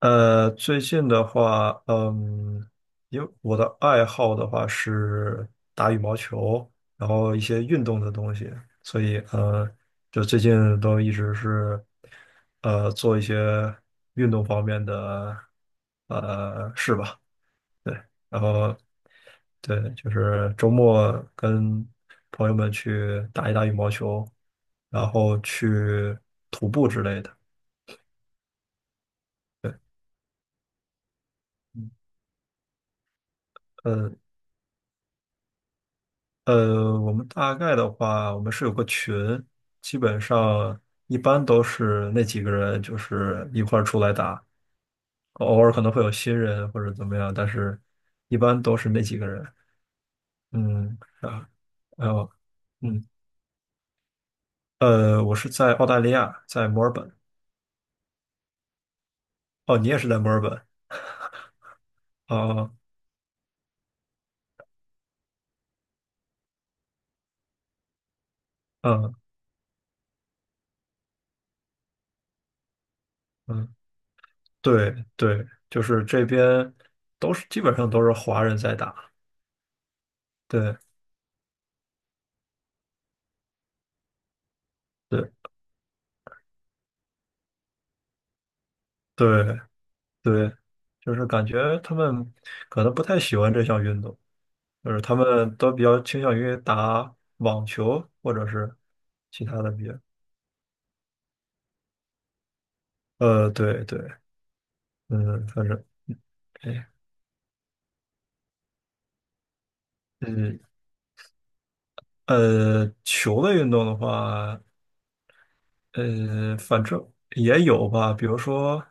最近的话，因为我的爱好的话是打羽毛球，然后一些运动的东西，所以就最近都一直是做一些运动方面的事吧。对，然后对，就是周末跟朋友们去打一打羽毛球，然后去徒步之类的。嗯，呃我们大概的话，我们是有个群，基本上一般都是那几个人，就是一块儿出来打，偶尔可能会有新人或者怎么样，但是一般都是那几个人。嗯，啊，还有，嗯，我是在澳大利亚，在墨尔本。哦，你也是在墨尔本？啊，嗯嗯，对对，就是这边都是基本上都是华人在打。对对对。对，就是感觉他们可能不太喜欢这项运动，就是他们都比较倾向于打网球或者是其他的比较。对对，嗯，反正，哎，嗯，球类运动的话，反正也有吧，比如说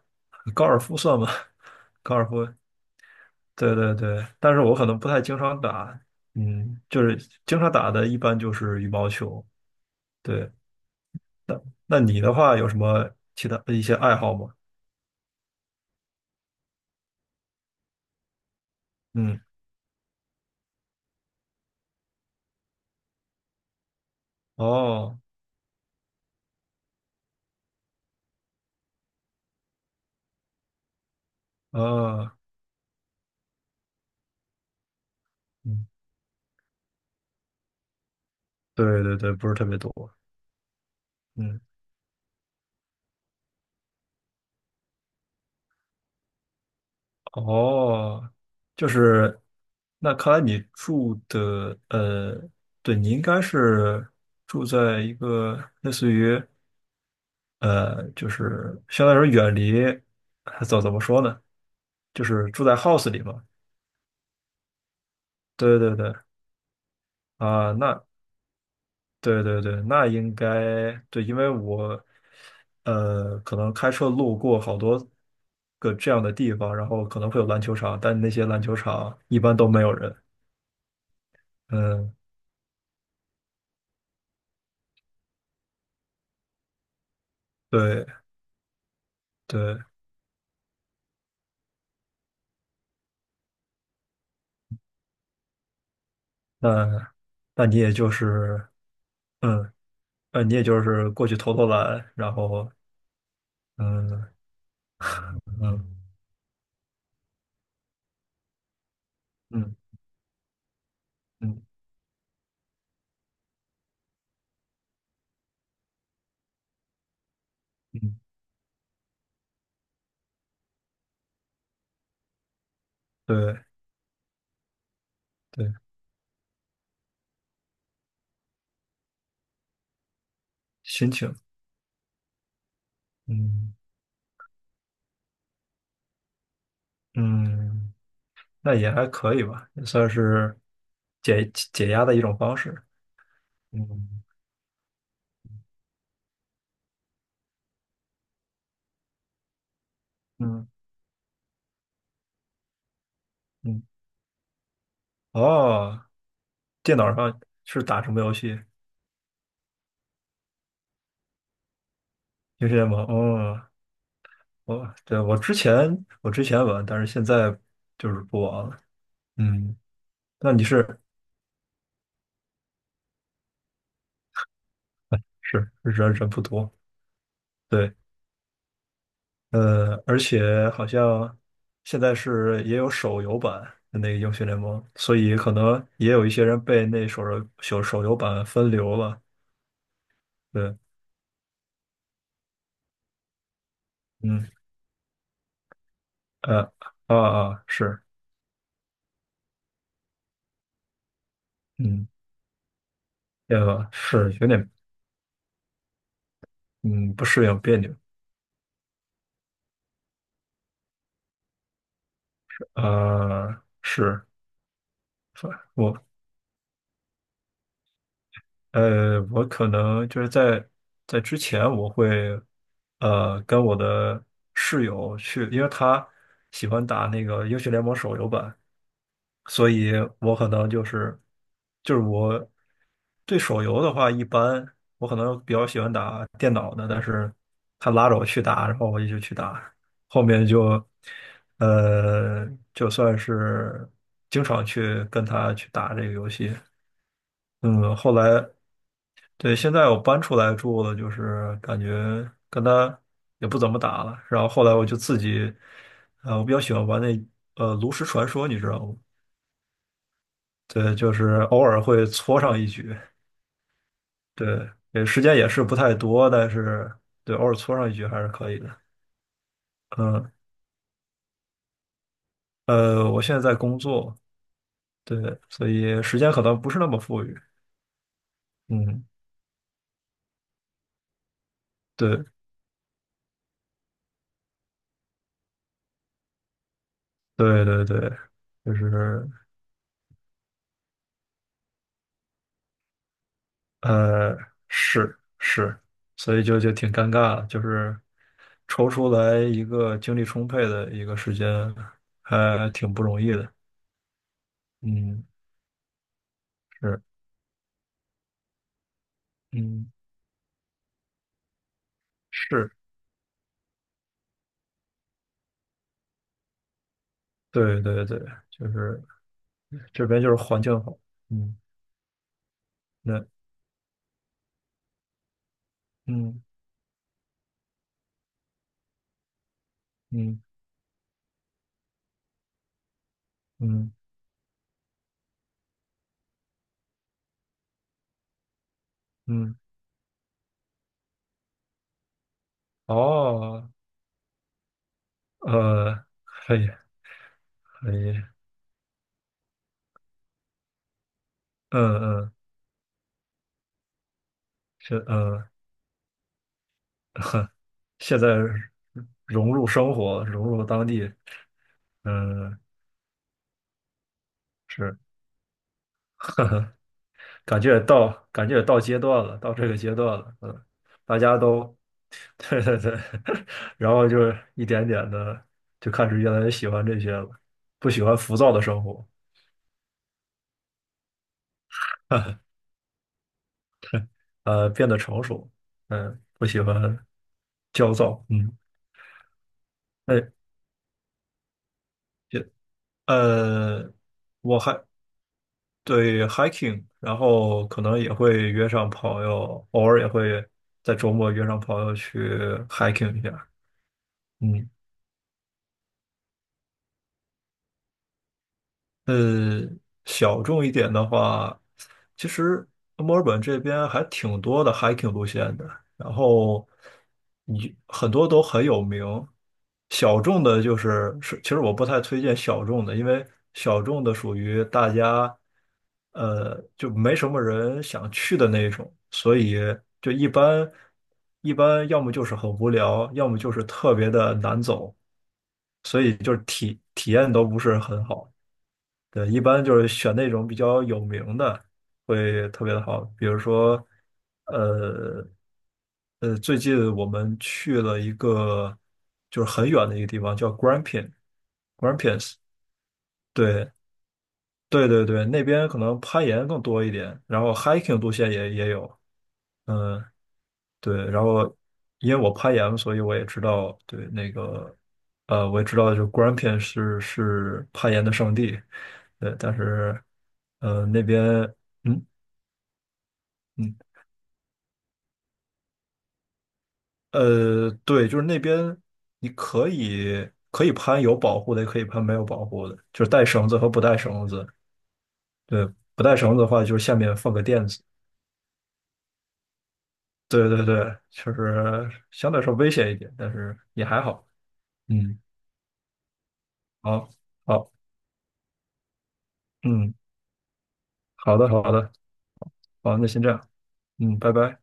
高尔夫算吗？高尔夫，对对对，但是我可能不太经常打，嗯，就是经常打的一般就是羽毛球，对。那你的话有什么其他一些爱好吗？嗯，哦，啊，嗯，对对对，不是特别多。嗯，哦，就是，那看来你住的，对，你应该是住在一个类似于，就是相当于远离，怎么说呢？就是住在 house 里嘛。对对对，啊，那对对对，那应该对，因为我可能开车路过好多个这样的地方，然后可能会有篮球场，但那些篮球场一般都没有人。嗯，对对，那那你也就是嗯你也就是过去投投篮，然后嗯嗯嗯嗯嗯，对对，心情嗯嗯，那也还可以吧，也算是解解压的一种方式。嗯嗯嗯，哦，电脑上是打什么游戏？英雄联盟。哦，我对我之前玩，但是现在就是不玩了。嗯，那你是是人不多，对。而且好像现在是也有手游版的那个英雄联盟，所以可能也有一些人被那手游版分流了。对，嗯，呃，啊啊，是，嗯，是有点嗯不适应别扭。是，我我可能就是在之前，我会跟我的室友去，因为他喜欢打那个英雄联盟手游版，所以我可能就是我对手游的话，一般我可能比较喜欢打电脑的，但是他拉着我去打，然后我也就去打，后面呃就算是经常去跟他去打这个游戏，嗯，后来对现在我搬出来住了，就是感觉跟他也不怎么打了，然后后来我就自己我比较喜欢玩那炉石传说，你知道吗？对，就是偶尔会搓上一局，对，也时间也是不太多，但是对，偶尔搓上一局还是可以的。嗯，我现在在工作，对，所以时间可能不是那么富裕。嗯，对，对对对，就是呃，是，所以就挺尴尬的，就是抽出来一个精力充沛的一个时间，还挺不容易的。嗯，是，嗯，是，对对对，就是。这边就是环境好，嗯，那嗯嗯嗯嗯，哦，呃，可以可以，嗯嗯，是，现在融入生活，融入当地，嗯，是感觉也到阶段了，到这个阶段了，嗯，大家都 对对对，然后就是一点点的就开始越来越喜欢这些了，不喜欢浮躁的生活，变得成熟，嗯，不喜欢焦躁，嗯，哎，也呃，我还对 hiking，然后可能也会约上朋友，偶尔也会在周末约上朋友去 hiking 一下。嗯。呃，小众一点的话，其实墨尔本这边还挺多的 hiking 路线的，然后你很多都很有名。小众的就是，其实我不太推荐小众的，因为小众的属于大家，就没什么人想去的那种，所以就一般，要么就是很无聊，要么就是特别的难走，所以就是体验都不是很好。对，一般就是选那种比较有名的，会特别的好。比如说，呃最近我们去了一个就是很远的一个地方，叫 Grampians。对对对对，那边可能攀岩更多一点，然后 hiking 路线也有。嗯，对，然后因为我攀岩，所以我也知道，对那个，我也知道，就 Grand 固然片是攀岩的圣地，对，但是，那边，嗯嗯，对，就是那边你可以攀有保护的，也可以攀没有保护的，就是带绳子和不带绳子。对，不带绳子的话，就是下面放个垫子。对对对，确实相对来说危险一点，但是也还好。嗯，好，好，嗯，好的，好的。好，那先这样，嗯，拜拜。